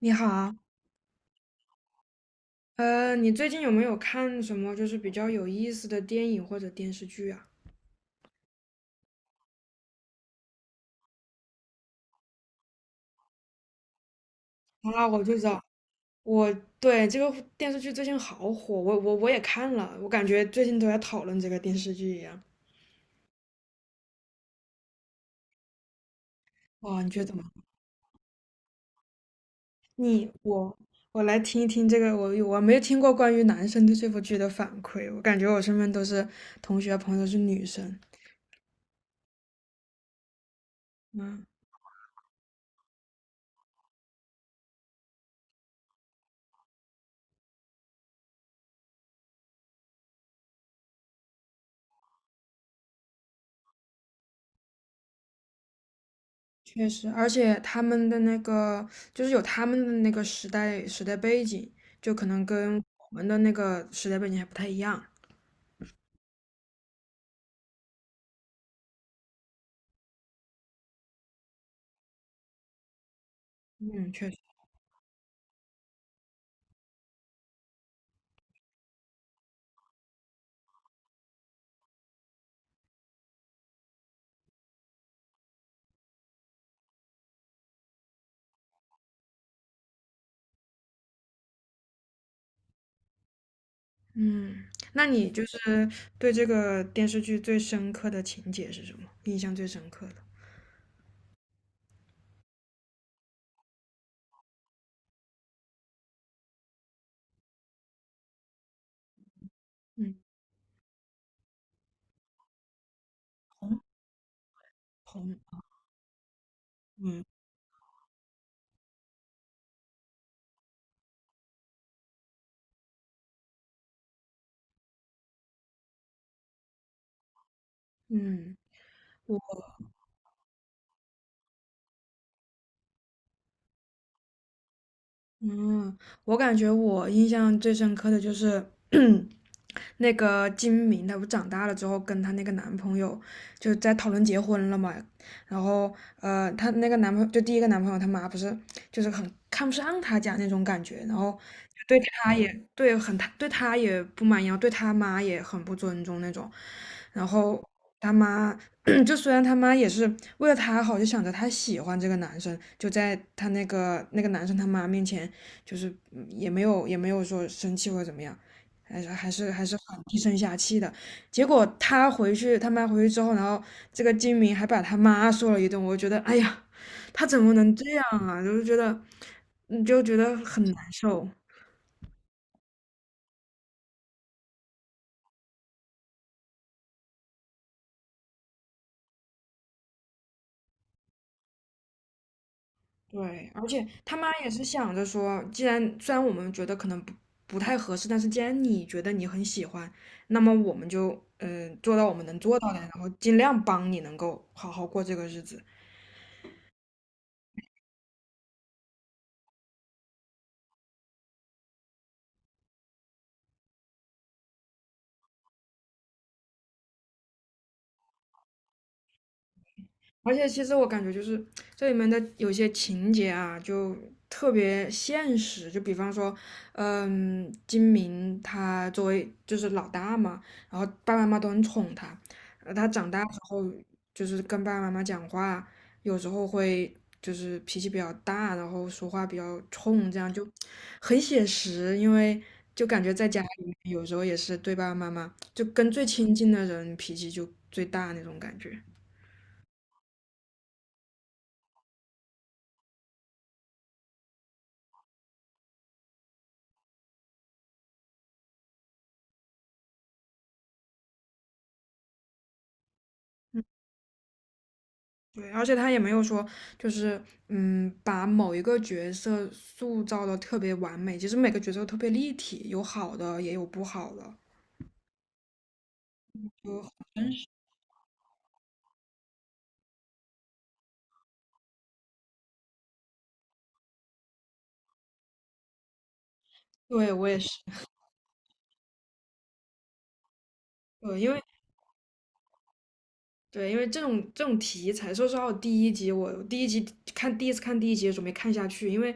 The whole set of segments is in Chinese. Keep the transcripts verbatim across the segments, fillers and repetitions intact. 你好啊。呃，你最近有没有看什么就是比较有意思的电影或者电视剧啊？啊，我就知道。我对这个电视剧最近好火，我我我也看了，我感觉最近都在讨论这个电视剧一样。哇，你觉得怎么？你我我来听一听这个，我我没有听过关于男生对这部剧的反馈，我感觉我身边都是同学朋友是女生。嗯。确实，而且他们的那个就是有他们的那个时代时代背景，就可能跟我们的那个时代背景还不太一样。嗯，确实。嗯，那你就是对这个电视剧最深刻的情节是什么？印象最深刻的？嗯，红红。嗯嗯，我嗯，我感觉我印象最深刻的就是那个金明她不长大了之后跟她那个男朋友就在讨论结婚了嘛，然后呃，她那个男朋友就第一个男朋友他妈不是就是很看不上她家那种感觉，然后对她也对很对她也不满意，然后对她妈也很不尊重那种，然后他妈 就虽然他妈也是为了他好，就想着他喜欢这个男生，就在他那个那个男生他妈面前，就是嗯也没有也没有说生气或者怎么样，还是还是还是很低声下气的。结果他回去，他妈回去之后，然后这个金明还把他妈说了一顿，我就觉得哎呀，他怎么能这样啊？就是觉得，嗯就觉得很难受。对，而且他妈也是想着说，既然虽然我们觉得可能不不太合适，但是既然你觉得你很喜欢，那么我们就嗯、呃做到我们能做到的，然后尽量帮你能够好好过这个日子。而且其实我感觉就是这里面的有些情节啊，就特别现实。就比方说，嗯，金明他作为就是老大嘛，然后爸爸妈妈都很宠他，呃，他长大之后就是跟爸爸妈妈讲话，有时候会就是脾气比较大，然后说话比较冲，这样就很写实。因为就感觉在家里面有时候也是对爸爸妈妈，就跟最亲近的人脾气就最大那种感觉。对，而且他也没有说，就是嗯，把某一个角色塑造的特别完美。其实每个角色都特别立体，有好的，也有不好的，就很真实。对，我也是。对，因为对，因为这种这种题材，说实话，我第一集我第一集看第一次看第一集的时候没看下去，因为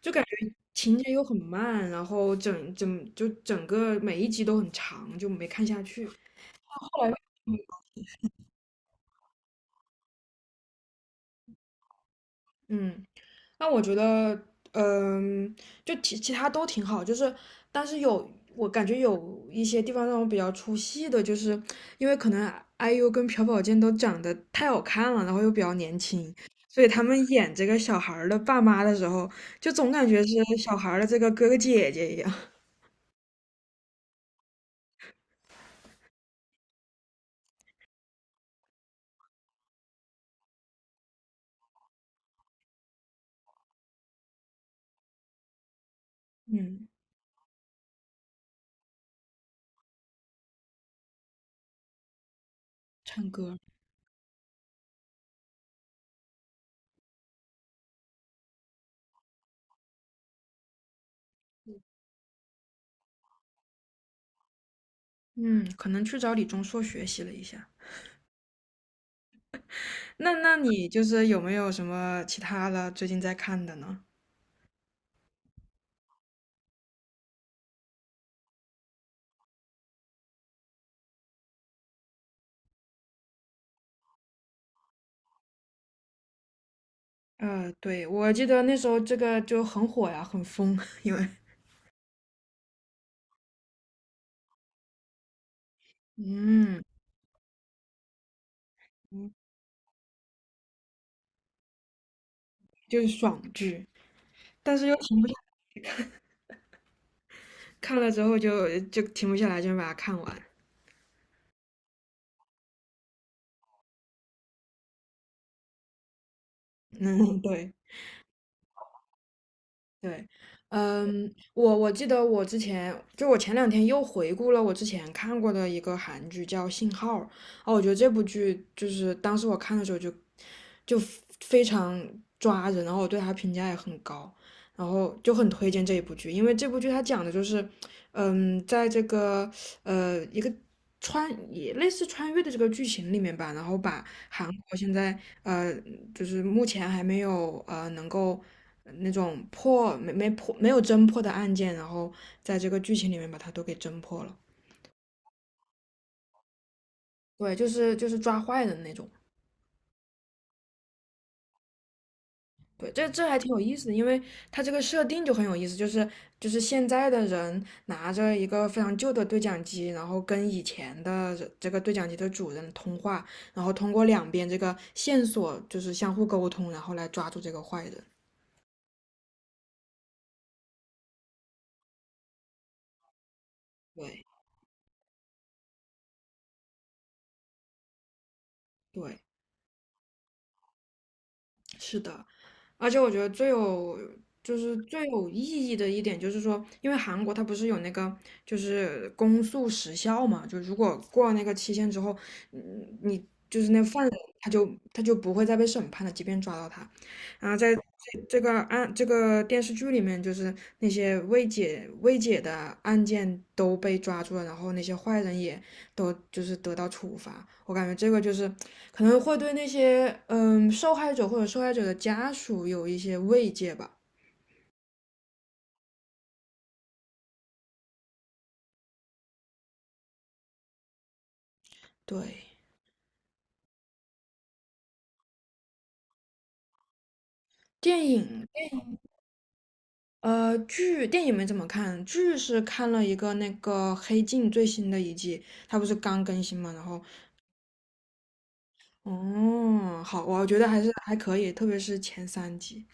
就感觉情节又很慢，然后整整就整个每一集都很长，就没看下去。后来，嗯。那我觉得，嗯，就其其他都挺好，就是，但是有我感觉有一些地方让我比较出戏的，就是因为可能 I U 跟朴宝剑都长得太好看了，然后又比较年轻，所以他们演这个小孩儿的爸妈的时候，就总感觉是小孩儿的这个哥哥姐姐一样。嗯，唱歌。嗯，可能去找李钟硕学习了一下。那那你就是有没有什么其他的最近在看的呢？呃，对，我记得那时候这个就很火呀，很疯。因为嗯嗯就是爽剧，但是又停不下，看了之后就就停不下来，就把它看完。嗯，对。对，嗯，我我记得我之前就我前两天又回顾了我之前看过的一个韩剧叫《信号》。啊，我觉得这部剧就是当时我看的时候就就非常抓人，然后我对它评价也很高，然后就很推荐这一部剧，因为这部剧它讲的就是，嗯，在这个呃一个穿也类似穿越的这个剧情里面吧，然后把韩国现在呃，就是目前还没有呃能够呃那种破没没破没有侦破的案件，然后在这个剧情里面把它都给侦破了。对，就是就是抓坏人那种。对，这这还挺有意思的，因为它这个设定就很有意思，就是就是现在的人拿着一个非常旧的对讲机，然后跟以前的这这个对讲机的主人通话，然后通过两边这个线索就是相互沟通，然后来抓住这个坏人。对对，是的。而且我觉得最有就是最有意义的一点就是说，因为韩国它不是有那个就是公诉时效嘛，就如果过了那个期限之后，嗯，你就是那犯人他就他就不会再被审判了，即便抓到他。然后在这个案这个电视剧里面，就是那些未解未解的案件都被抓住了，然后那些坏人也都就是得到处罚。我感觉这个就是可能会对那些嗯受害者或者受害者的家属有一些慰藉吧。对。电影呃剧电影没怎么看，剧是看了一个那个《黑镜》最新的一季，它不是刚更新嘛。然后哦好，我觉得还是还可以，特别是前三集。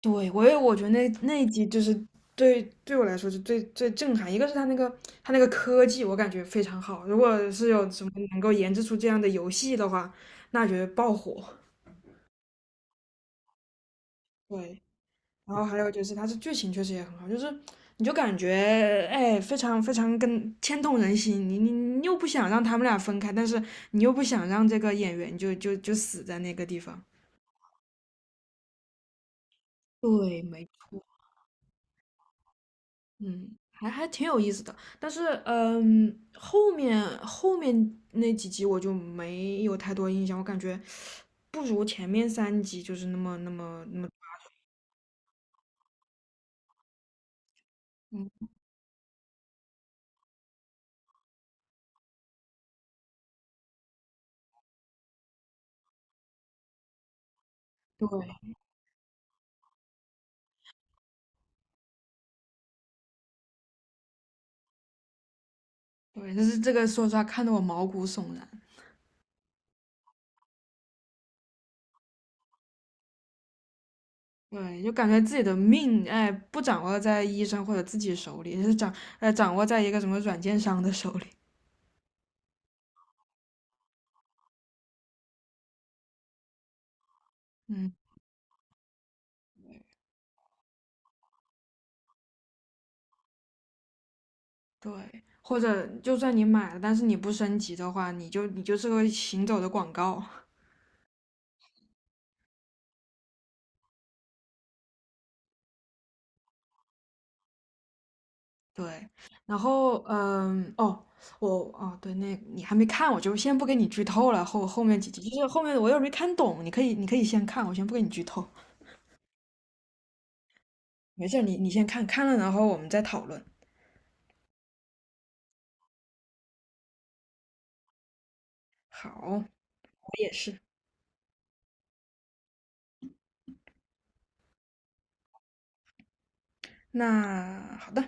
对，我也我觉得那那一集就是对对我来说是最最震撼，一个是他那个他那个科技，我感觉非常好。如果是有什么能够研制出这样的游戏的话，那绝对爆火。对，然后还有就是它的剧情确实也很好，就是你就感觉哎非常非常跟牵动人心，你你你又不想让他们俩分开，但是你又不想让这个演员就就就死在那个地方。对，没错。嗯，还还挺有意思的，但是嗯，后面后面那几集我就没有太多印象，我感觉不如前面三集就是那么那么那么，嗯，对对，但是这个说实话看得我毛骨悚然。对，就感觉自己的命哎不掌握在医生或者自己手里，是掌呃掌握在一个什么软件商的手里。嗯，对。或者就算你买了，但是你不升级的话，你就你就是个行走的广告。对，然后嗯，哦，我哦，对，那你还没看，我就先不给你剧透了。后后面几集，就是后面我又没看懂，你可以你可以先看，我先不给你剧透。没事儿，你你先看看了，然后我们再讨论。好，我也是。那好的。